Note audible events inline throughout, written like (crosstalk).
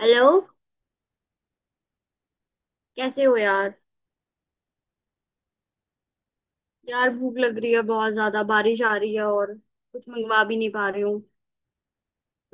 Hello. कैसे हो यार। यार भूख लग रही है बहुत ज्यादा, बारिश आ रही है और कुछ मंगवा भी नहीं पा रही हूँ।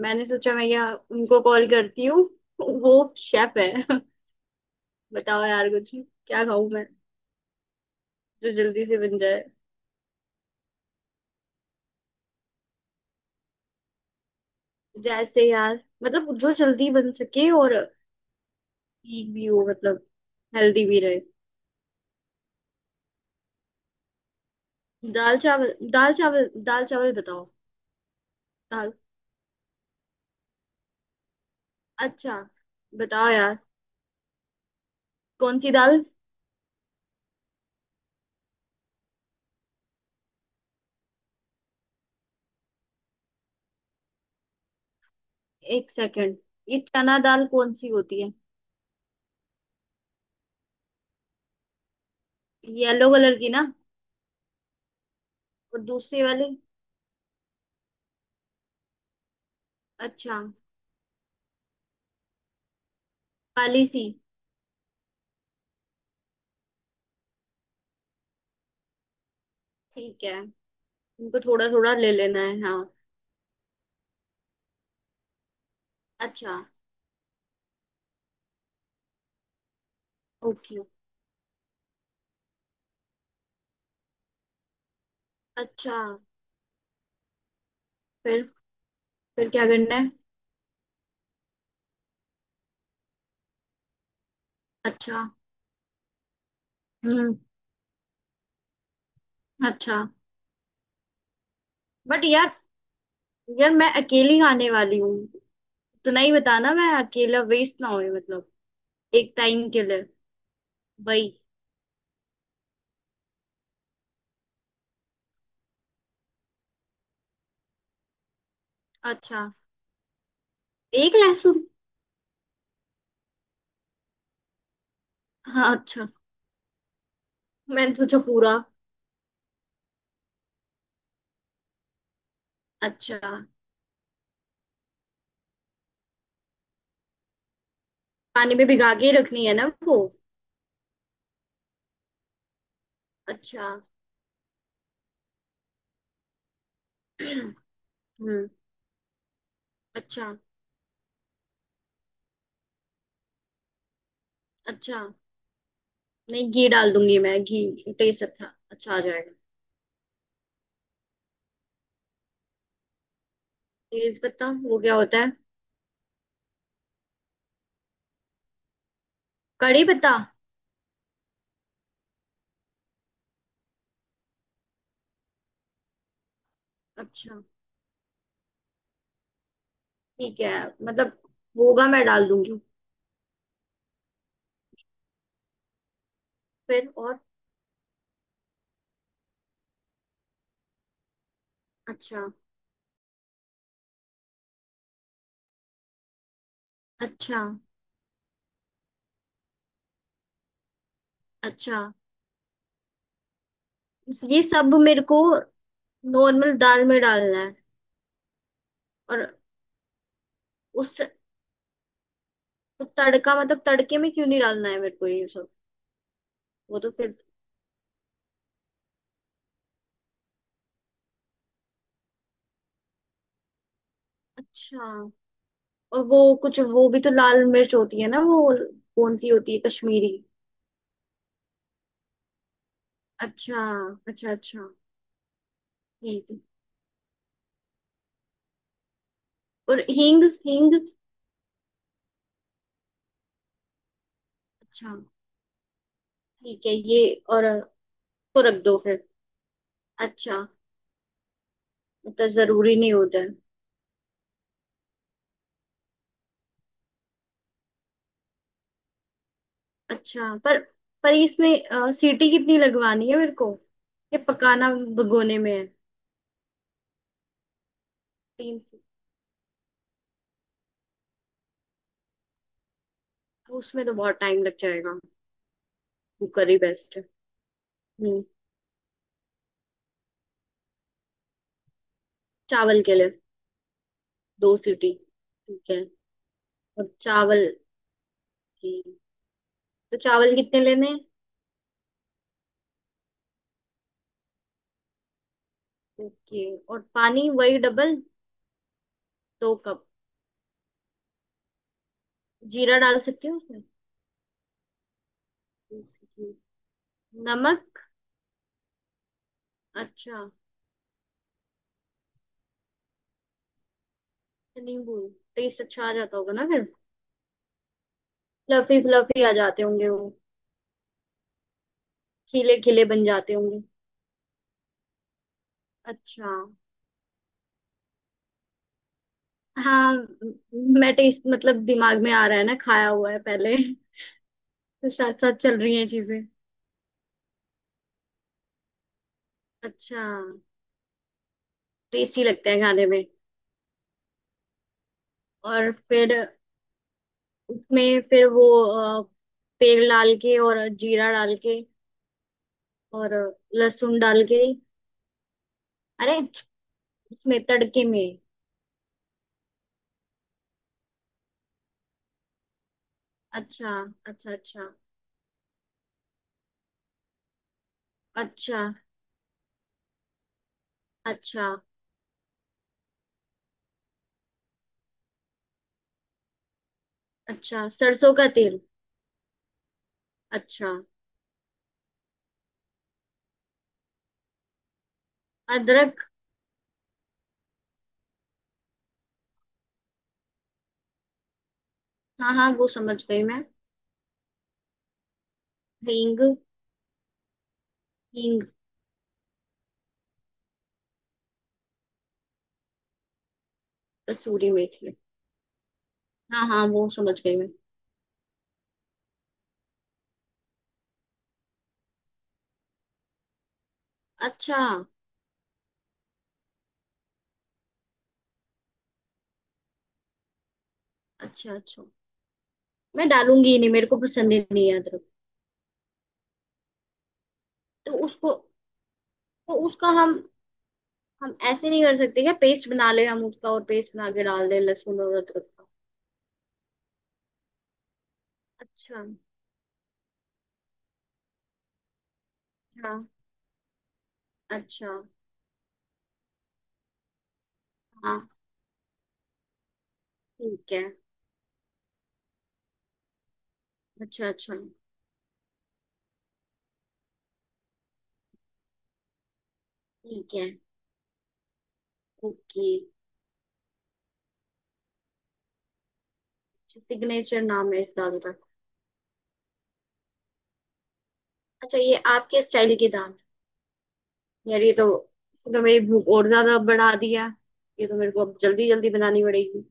मैंने सोचा मैं यहाँ उनको कॉल करती हूँ (laughs) वो शेफ है (laughs) बताओ यार कुछ क्या खाऊं मैं, जो जल्दी से बन जाए। जैसे यार, मतलब जो जल्दी बन सके और ठीक भी हो, मतलब हेल्दी भी रहे। दाल चावल, दाल चावल, दाल चावल बताओ। दाल, अच्छा, बताओ यार। कौन सी दाल। एक सेकंड, ये चना दाल कौन सी होती है। येलो कलर की ना। और दूसरी वाली। अच्छा, काली सी। ठीक है। इनको थोड़ा थोड़ा ले लेना है हाँ। अच्छा। ओके। अच्छा। फिर फिर क्या करना है। अच्छा। हम्म। अच्छा। बट यार, यार मैं अकेली आने वाली हूँ। इतना ही बताना, मैं अकेला वेस्ट ना हो, मतलब एक टाइम के लिए। वही। अच्छा। एक लहसुन। हाँ, अच्छा। मैंने सोचा पूरा। अच्छा। पानी में भिगा के रखनी है ना वो। अच्छा। (clears throat) हम्म। अच्छा। अच्छा, नहीं घी डाल दूंगी मैं, घी टेस्ट अच्छा अच्छा आ जाएगा। तेज पत्ता वो क्या होता है। कड़ी पत्ता। अच्छा। ठीक है, मतलब होगा, मैं डाल दूंगी। फिर और। अच्छा। अच्छा। अच्छा। ये सब मेरे को नॉर्मल दाल में डालना है और उस, तड़का मतलब तड़के में क्यों नहीं डालना है मेरे को ये सब। वो तो फिर। अच्छा। और वो कुछ, वो भी तो लाल मिर्च होती है ना वो, कौन सी होती है, कश्मीरी। अच्छा, अच्छा अच्छा। ठीक है और हींग, हींग। अच्छा। ठीक है ये, और को रख दो फिर। अच्छा। मतलब जरूरी नहीं होता है। अच्छा पर इसमें सीटी कितनी लगवानी है मेरे को, ये पकाना भगोने में है। तीन। उसमें तो बहुत टाइम लग जाएगा। कुकर ही बेस्ट है। हम्म। चावल के लिए। दो सीटी, ठीक है। और चावल की, तो चावल कितने लेने हैं। ओके। और पानी वही डबल। दो कप। जीरा डाल सकती हूँ। उसमें, नमक। अच्छा। नींबू, टेस्ट अच्छा आ जाता होगा ना फिर। फ्लफी फ्लफी आ जाते होंगे वो, खिले खिले बन जाते होंगे। अच्छा। हाँ मैं टेस्ट मतलब दिमाग में आ रहा है ना, खाया हुआ है पहले, तो साथ साथ चल रही हैं चीजें। अच्छा। टेस्टी लगता है खाने में। और फिर उसमें फिर वो, तेल डाल के और जीरा डाल के। और लहसुन डाल के, अरे उसमें तड़के में। अच्छा अच्छा। अच्छा। अच्छा। अच्छा। अच्छा। सरसों का तेल। अच्छा। अदरक। हाँ हाँ वो समझ गई मैं। हींग, हींग। कसूरी मेथी, हाँ हाँ वो समझ गई मैं। अच्छा। अच्छा। अच्छा, मैं डालूंगी ही नहीं, मेरे को पसंद ही नहीं है अदरक। तो उसको, तो उसका, हम ऐसे नहीं कर सकते क्या, पेस्ट बना ले हम उसका और पेस्ट बना के डाल दें लहसुन और अदरक का। अच्छा। हाँ। अच्छा। हाँ। ठीक है। अच्छा अच्छा। ठीक है। ओके। सिग्नेचर नाम है इस दाल का। अच्छा, ये आपके स्टाइल की दाल है। यार ये तो, इसने तो मेरी भूख और ज्यादा बढ़ा दिया। ये तो मेरे को अब जल्दी जल्दी बनानी पड़ेगी।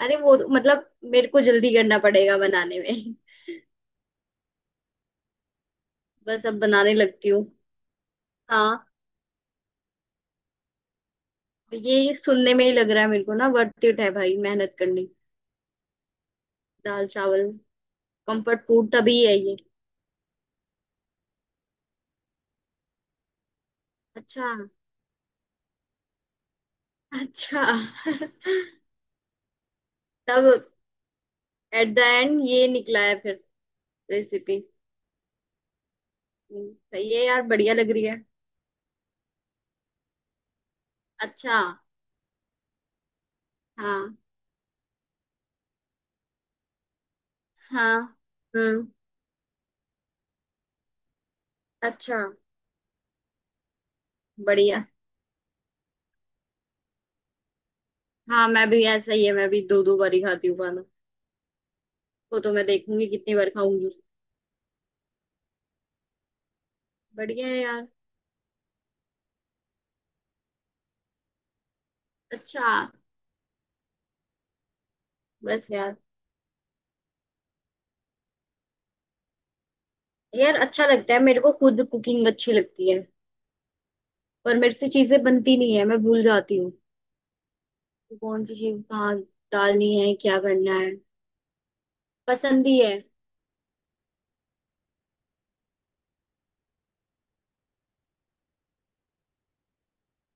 अरे वो तो- मतलब मेरे को जल्दी करना पड़ेगा बनाने में (laughs) बस अब बनाने लगती हूँ। हाँ, ये सुनने में ही लग रहा है मेरे को ना, वर्थ इट है भाई मेहनत करनी। दाल चावल कंफर्ट फूड तभी है ये। अच्छा। अच्छा (laughs) तब, एट द एंड ये निकला है फिर रेसिपी। सही है यार, बढ़िया लग रही है। अच्छा। हाँ हाँ। हम्म। अच्छा। बढ़िया। हाँ मैं भी, ऐसा ही है, मैं भी दो दो बार ही खाती हूँ खाना। वो तो मैं देखूंगी कितनी बार खाऊंगी। बढ़िया है यार। अच्छा। बस यार, यार अच्छा लगता है मेरे को, खुद कुकिंग अच्छी लगती है। पर मेरे से चीजें बनती नहीं है, मैं भूल जाती हूँ कि कौन सी चीज कहाँ डालनी है क्या करना है। पसंद ही है।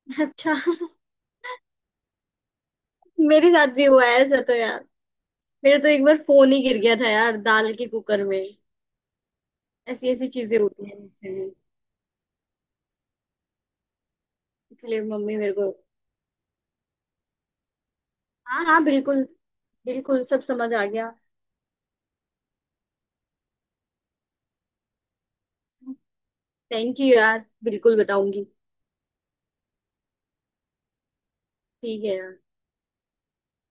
(laughs) अच्छा। मेरे साथ भी हुआ है ऐसा तो यार। मेरा तो एक बार फोन ही गिर गया था यार दाल के कुकर में। ऐसी ऐसी चीजें होती हैं मुझसे भी। इसलिए मम्मी मेरे को। हाँ हाँ बिल्कुल, बिल्कुल सब समझ आ गया। थैंक यू यार, बिल्कुल बताऊंगी। ठीक है यार।